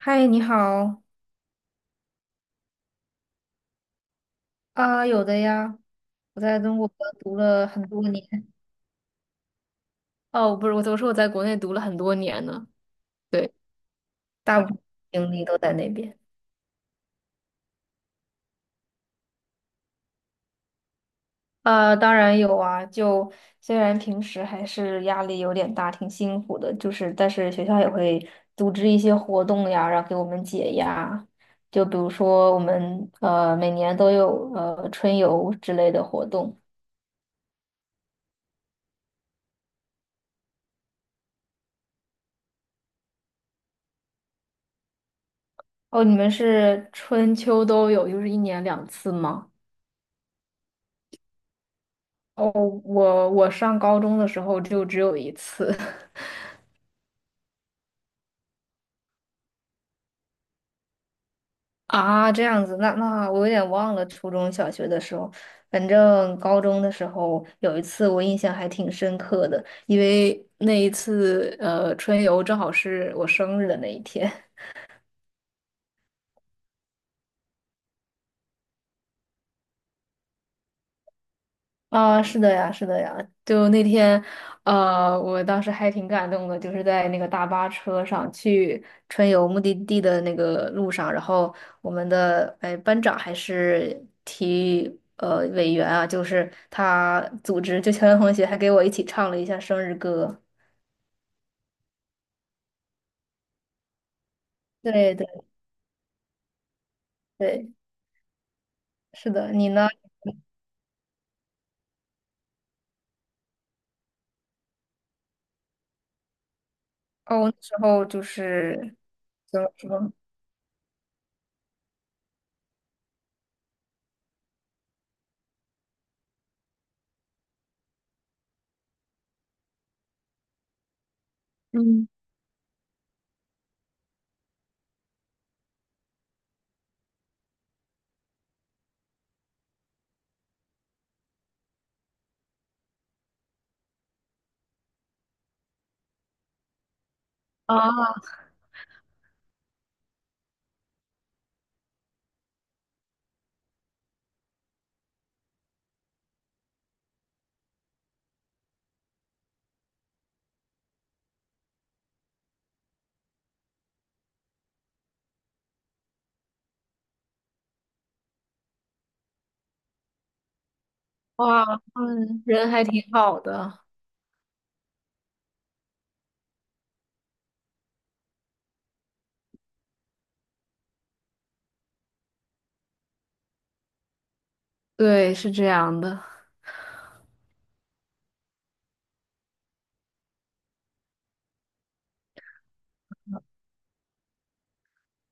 嗨，你好啊。有的呀，我在中国读了很多年。哦，不是，我说我在国内读了很多年呢。对，大部分精力都在那边。当然有啊，就虽然平时还是压力有点大，挺辛苦的，就是但是学校也会组织一些活动呀，然后给我们解压。就比如说我们每年都有春游之类的活动。哦，你们是春秋都有，就是一年两次吗？哦，我上高中的时候就只有一次 啊，这样子，那我有点忘了初中小学的时候。反正高中的时候有一次我印象还挺深刻的，因为那一次春游正好是我生日的那一天。啊，是的呀，是的呀。就那天，我当时还挺感动的，就是在那个大巴车上去春游目的地的那个路上，然后我们的班长还是体育委员啊，就是他组织，就乔洋同学还给我一起唱了一下生日歌。对对对，是的，你呢？哦，我那时候就是怎么说？嗯啊哇。嗯，人还挺好的。对，是这样的。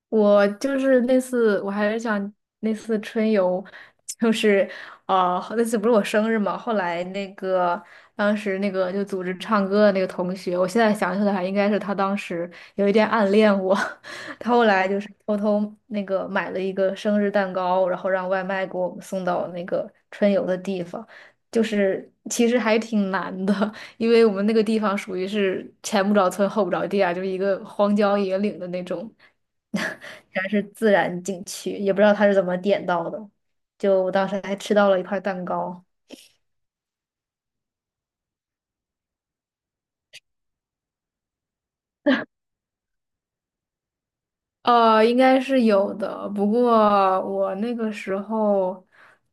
我就是那次，我还是想那次春游。就是那次不是我生日嘛，后来那个当时那个就组织唱歌的那个同学，我现在想起来还应该是他当时有一点暗恋我。他后来就是偷偷那个买了一个生日蛋糕，然后让外卖给我们送到那个春游的地方，就是其实还挺难的。因为我们那个地方属于是前不着村后不着店啊，就是一个荒郊野岭的那种。然是自然景区，也不知道他是怎么点到的。就我当时还吃到了一块蛋糕。应该是有的，不过我那个时候，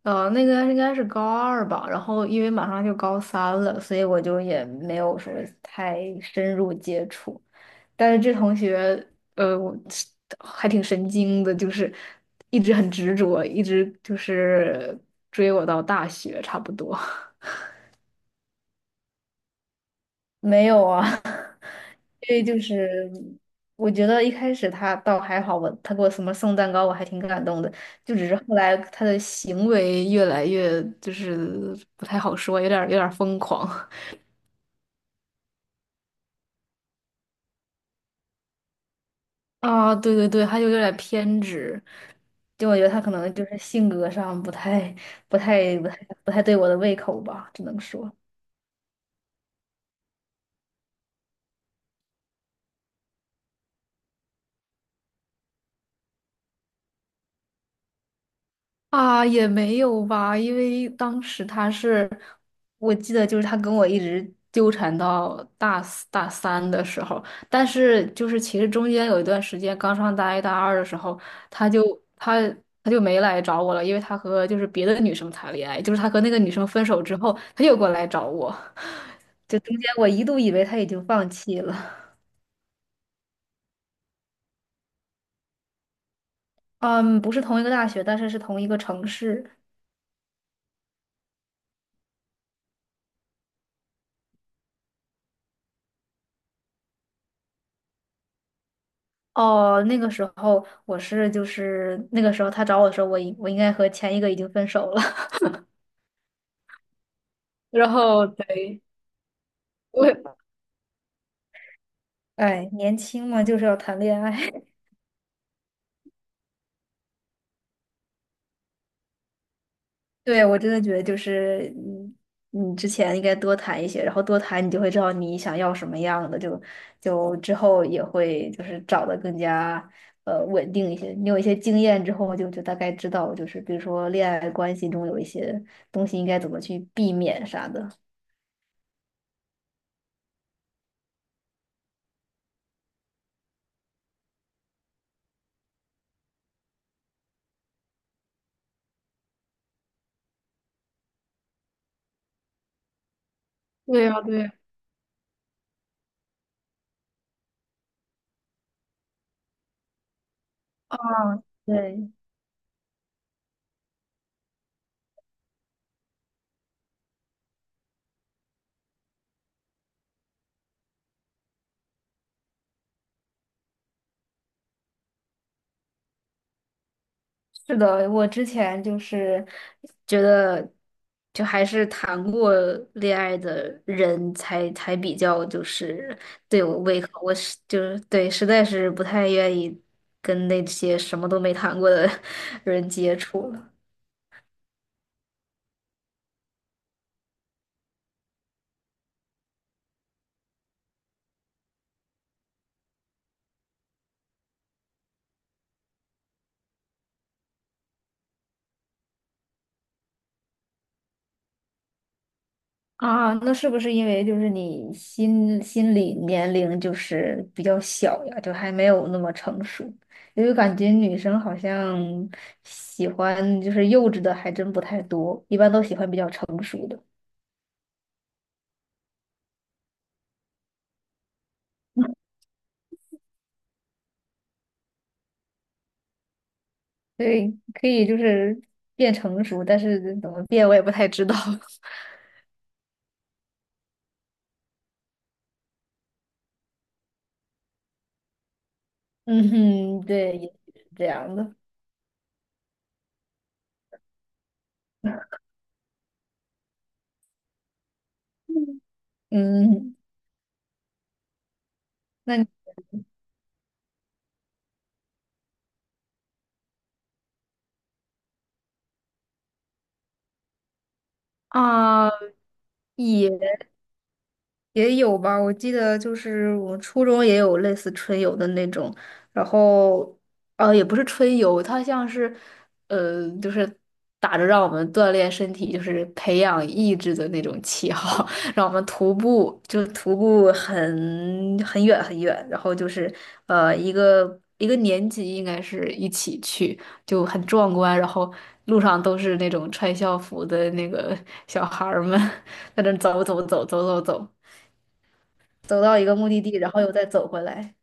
那个应该是高二吧，然后因为马上就高三了，所以我就也没有说太深入接触。但是这同学，我是还挺神经的，就是一直很执着，一直就是追我到大学差不多。没有啊。因为就是我觉得一开始他倒还好，我他给我什么送蛋糕，我还挺感动的。就只是后来他的行为越来越就是不太好说，有点儿疯狂。 啊，对对对，他就有点儿偏执。就我觉得他可能就是性格上不太不太不太对我的胃口吧，只能说。啊，也没有吧，因为当时他是，我记得就是他跟我一直纠缠到大四大三的时候，但是就是其实中间有一段时间，刚上大一大二的时候，他就他他就没来找我了，因为他和就是别的女生谈恋爱，就是他和那个女生分手之后，他又过来找我。就中间我一度以为他已经放弃了。嗯，不是同一个大学，但是是同一个城市。哦，那个时候我是就是那个时候他找我的时候，我应该和前一个已经分手了。然后对。我哎，年轻嘛，就是要谈恋爱。对，我真的觉得就是你之前应该多谈一些，然后多谈你就会知道你想要什么样的，就之后也会就是找的更加稳定一些。你有一些经验之后，就大概知道，就是比如说恋爱关系中有一些东西应该怎么去避免啥的。对呀，对呀。对，是的，我之前就是觉得，就还是谈过恋爱的人才比较就是对我胃口，我是就是对，实在是不太愿意跟那些什么都没谈过的 人接触了。啊，那是不是因为就是你心理年龄就是比较小呀，就还没有那么成熟？因为感觉女生好像喜欢就是幼稚的还真不太多，一般都喜欢比较成熟的。对，可以就是变成熟，但是怎么变我也不太知道。嗯哼，对，也许是这样的。嗯，那你啊也。也有吧，我记得就是我初中也有类似春游的那种，然后也不是春游，它像是就是打着让我们锻炼身体，就是培养意志的那种旗号，让我们徒步，就是徒步很远很远，然后就是一个年级应该是一起去，就很壮观，然后路上都是那种穿校服的那个小孩儿们 在那走走走走走走。走到一个目的地，然后又再走回来。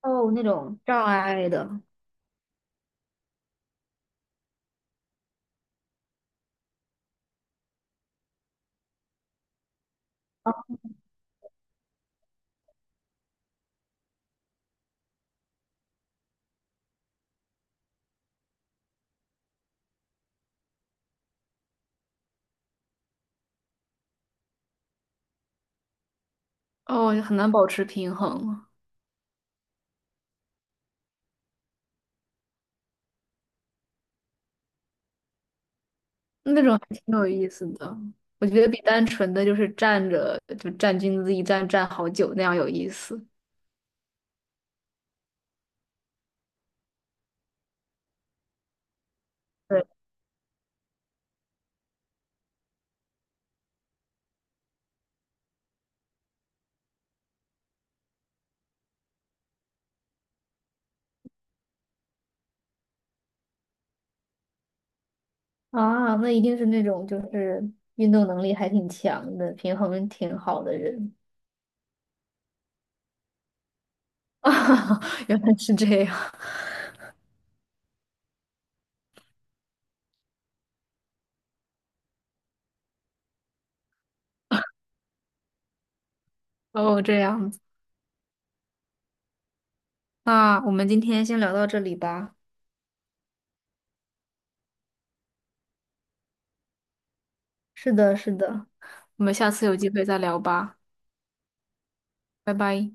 哦，那种障碍的。哦，很难保持平衡。那种还挺有意思的。我觉得比单纯的就是站着就站军姿一站站好久那样有意思。对啊，那一定是那种就是运动能力还挺强的，平衡挺好的人。啊，原来是这样。哦，这样子。那我们今天先聊到这里吧。是的，是的，我们下次有机会再聊吧。拜拜。